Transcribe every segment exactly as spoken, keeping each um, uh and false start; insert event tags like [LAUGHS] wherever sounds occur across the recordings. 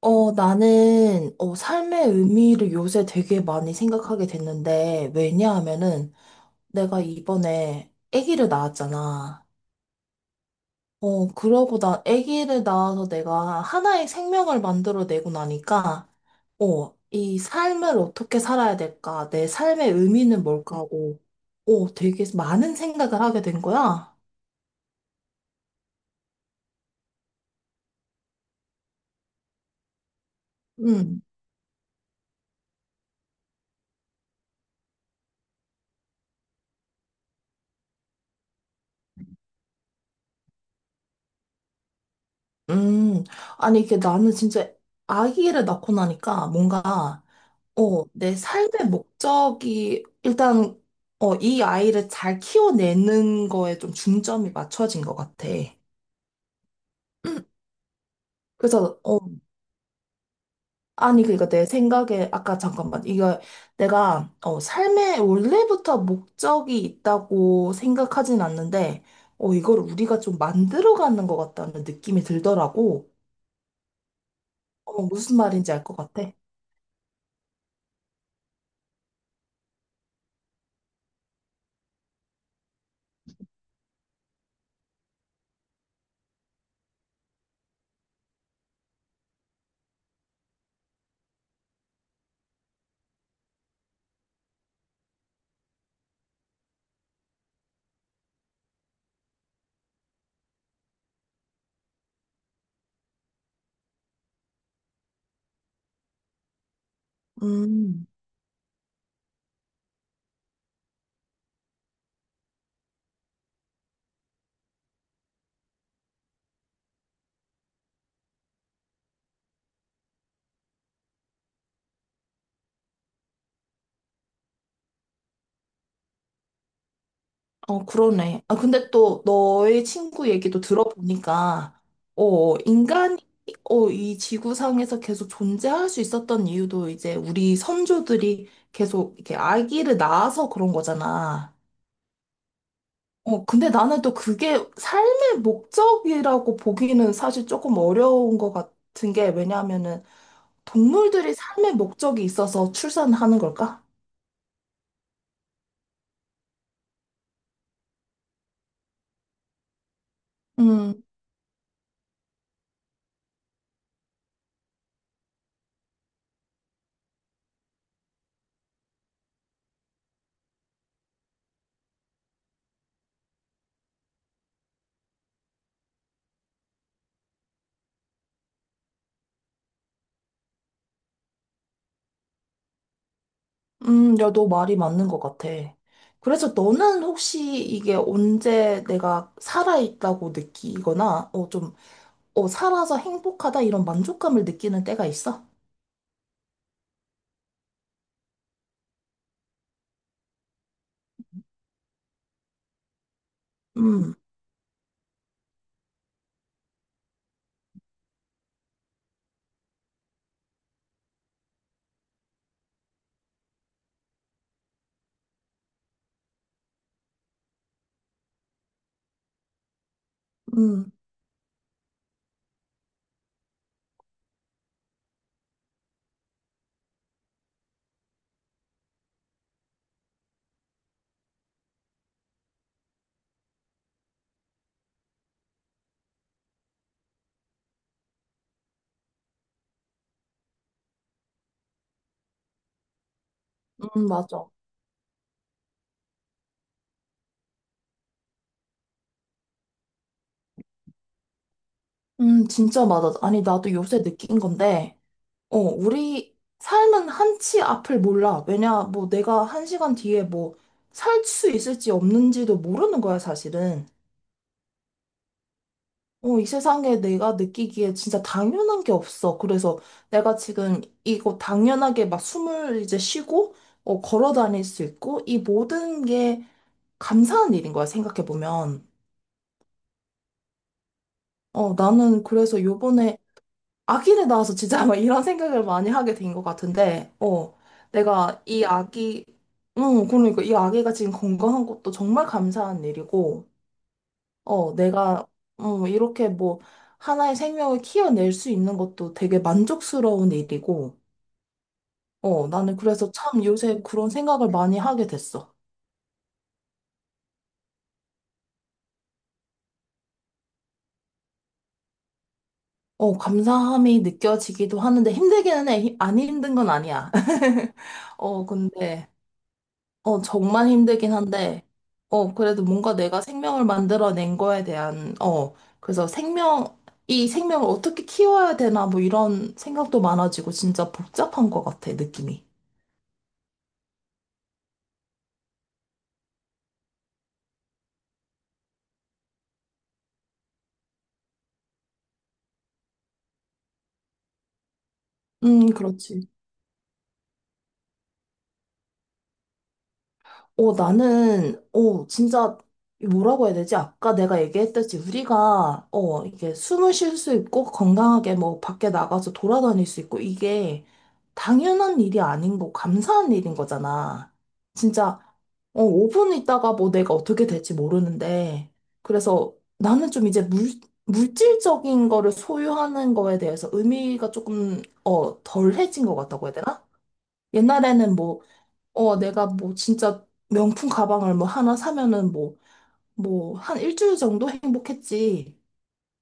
어, 나는, 어, 삶의 의미를 요새 되게 많이 생각하게 됐는데, 왜냐하면은, 내가 이번에 아기를 낳았잖아. 어, 그러고 나 아기를 낳아서 내가 하나의 생명을 만들어내고 나니까, 어, 이 삶을 어떻게 살아야 될까, 내 삶의 의미는 뭘까 하고, 어, 되게 많은 생각을 하게 된 거야. 음, 음. 아니, 이게 나는 진짜 아기를 낳고 나니까 뭔가, 어, 내 삶의 목적이 일단 어, 이 아이를 잘 키워내는 거에 좀 중점이 맞춰진 것 같아. 음, 그래서 어, 아니 그러니까 내 생각에 아까 잠깐만 이거 내가 어, 삶에 원래부터 목적이 있다고 생각하진 않는데 어, 이걸 우리가 좀 만들어가는 것 같다는 느낌이 들더라고. 어, 무슨 말인지 알 것 같아. 음. 어, 그러네. 아, 근데 또 너의 친구 얘기도 들어보니까, 어, 인간이, 어, 이 지구상에서 계속 존재할 수 있었던 이유도 이제 우리 선조들이 계속 이렇게 아기를 낳아서 그런 거잖아. 어, 근데 나는 또 그게 삶의 목적이라고 보기는 사실 조금 어려운 것 같은 게 왜냐하면은 동물들이 삶의 목적이 있어서 출산하는 걸까? 음. 음, 야, 너 말이 맞는 것 같아. 그래서 너는 혹시 이게 언제 내가 살아있다고 느끼거나, 어, 좀, 어, 살아서 행복하다 이런 만족감을 느끼는 때가 있어? 음, 음, 음, 맞아. 음, 진짜 맞아. 아니, 나도 요새 느낀 건데, 어, 우리 삶은 한치 앞을 몰라. 왜냐, 뭐 내가 한 시간 뒤에 뭐 살 수 있을지 없는지도 모르는 거야, 사실은. 어, 이 세상에 내가 느끼기에 진짜 당연한 게 없어. 그래서 내가 지금 이거 당연하게 막 숨을 이제 쉬고, 어, 걸어 다닐 수 있고, 이 모든 게 감사한 일인 거야, 생각해보면. 어, 나는 그래서 요번에 아기를 낳아서 진짜 [LAUGHS] 막 이런 생각을 많이 하게 된 것 같은데, 어, 내가 이 아기, 응, 그러니까 이 아기가 지금 건강한 것도 정말 감사한 일이고, 어, 내가, 음, 이렇게 뭐, 하나의 생명을 키워낼 수 있는 것도 되게 만족스러운 일이고, 어, 나는 그래서 참 요새 그런 생각을 많이 하게 됐어. 어, 감사함이 느껴지기도 하는데 힘들기는 해. 힘- 안 힘든 건 아니야. [LAUGHS] 어, 근데, 어, 정말 힘들긴 한데, 어, 그래도 뭔가 내가 생명을 만들어낸 거에 대한, 어, 그래서 생명, 이 생명을 어떻게 키워야 되나, 뭐 이런 생각도 많아지고, 진짜 복잡한 것 같아, 느낌이. 음, 그렇지. 어, 나는, 어, 진짜, 뭐라고 해야 되지? 아까 내가 얘기했듯이 우리가, 어, 이게 숨을 쉴 수 있고, 건강하게 뭐, 밖에 나가서 돌아다닐 수 있고, 이게 당연한 일이 아닌 거, 감사한 일인 거잖아. 진짜, 어, 오 분 있다가 뭐 내가 어떻게 될지 모르는데, 그래서 나는 좀 이제 물, 물질적인 거를 소유하는 거에 대해서 의미가 조금, 어, 덜해진 것 같다고 해야 되나? 옛날에는 뭐, 어, 내가 뭐 진짜 명품 가방을 뭐 하나 사면은 뭐, 뭐, 한 일주일 정도 행복했지.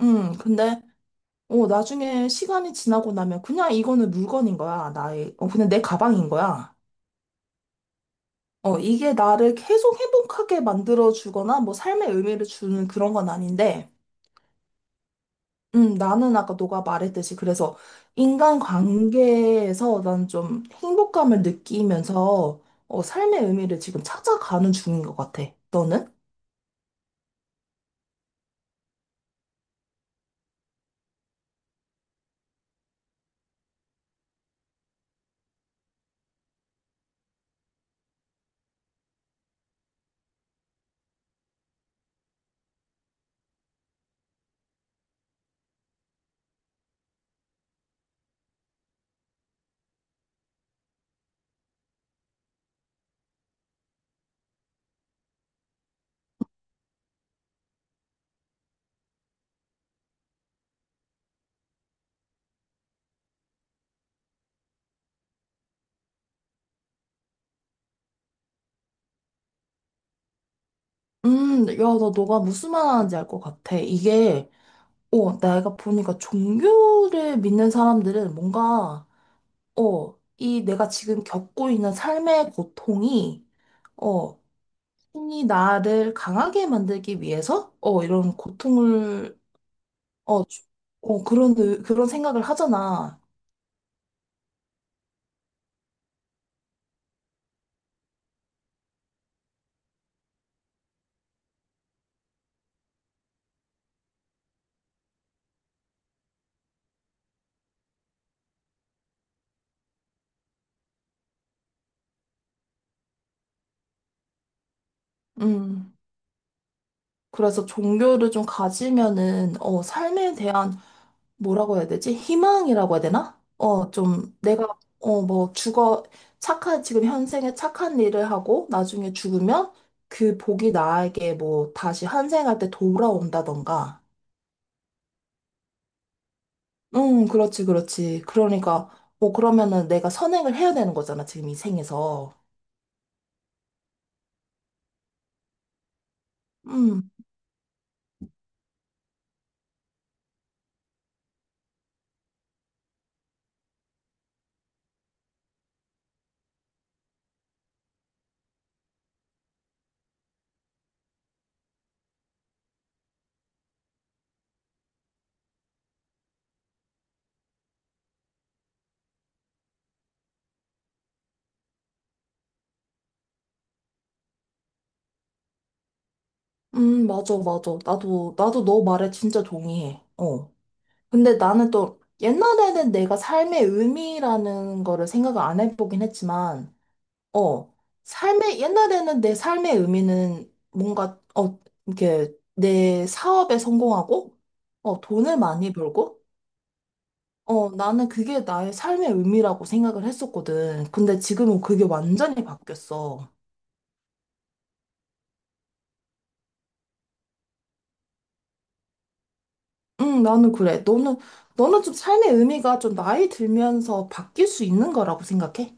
음 근데, 어, 나중에 시간이 지나고 나면 그냥 이거는 물건인 거야. 나의, 어, 그냥 내 가방인 거야. 어, 이게 나를 계속 행복하게 만들어 주거나 뭐 삶의 의미를 주는 그런 건 아닌데, 음, 나는 아까 너가 말했듯이 그래서 인간 관계에서 난 좀 행복감을 느끼면서 어, 삶의 의미를 지금 찾아가는 중인 것 같아. 너는? 음, 야, 나 너가 무슨 말 하는지 알 것 같아. 이게, 어, 내가 보니까 종교를 믿는 사람들은 뭔가, 어, 이 내가 지금 겪고 있는 삶의 고통이, 어, 신이 나를 강하게 만들기 위해서, 어, 이런 고통을, 어, 주- 어, 그런, 의- 그런 생각을 하잖아. 음. 그래서 종교를 좀 가지면은, 어, 삶에 대한 뭐라고 해야 되지? 희망이라고 해야 되나? 어, 좀 내가 어, 뭐 죽어 착한 지금 현생에 착한 일을 하고 나중에 죽으면 그 복이 나에게 뭐 다시 환생할 때 돌아온다던가. 응, 그렇지, 그렇지. 그러니까 뭐 그러면은 내가 선행을 해야 되는 거잖아, 지금 이 생에서. 음, 음, 맞아, 맞아. 나도 나도 너 말에 진짜 동의해. 어. 근데 나는 또 옛날에는 내가 삶의 의미라는 거를 생각을 안 해보긴 했지만, 어, 삶의, 옛날에는 내 삶의 의미는 뭔가, 어, 이렇게 내 사업에 성공하고, 어, 돈을 많이 벌고, 어, 나는 그게 나의 삶의 의미라고 생각을 했었거든. 근데 지금은 그게 완전히 바뀌었어. 응, 나는 그래. 너는, 너는 좀 삶의 의미가 좀 나이 들면서 바뀔 수 있는 거라고 생각해?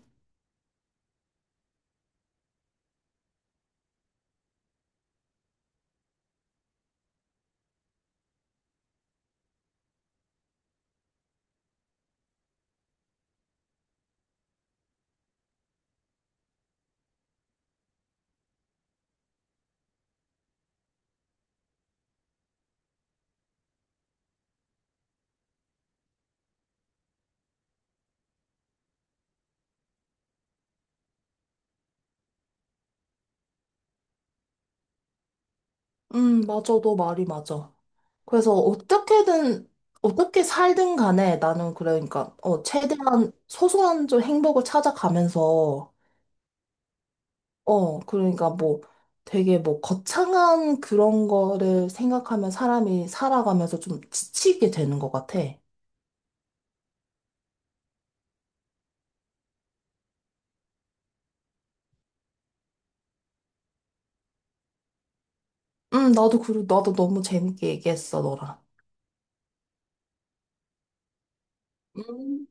음, 맞아. 너 말이 맞아. 그래서 어떻게든, 어떻게 살든 간에 나는 그러니까, 어, 최대한 소소한 좀 행복을 찾아가면서, 어, 그러니까 뭐 되게 뭐 거창한 그런 거를 생각하면 사람이 살아가면서 좀 지치게 되는 것 같아. 음, 나도, 그리고 나도 너무 재밌게 얘기했어, 너랑. 음.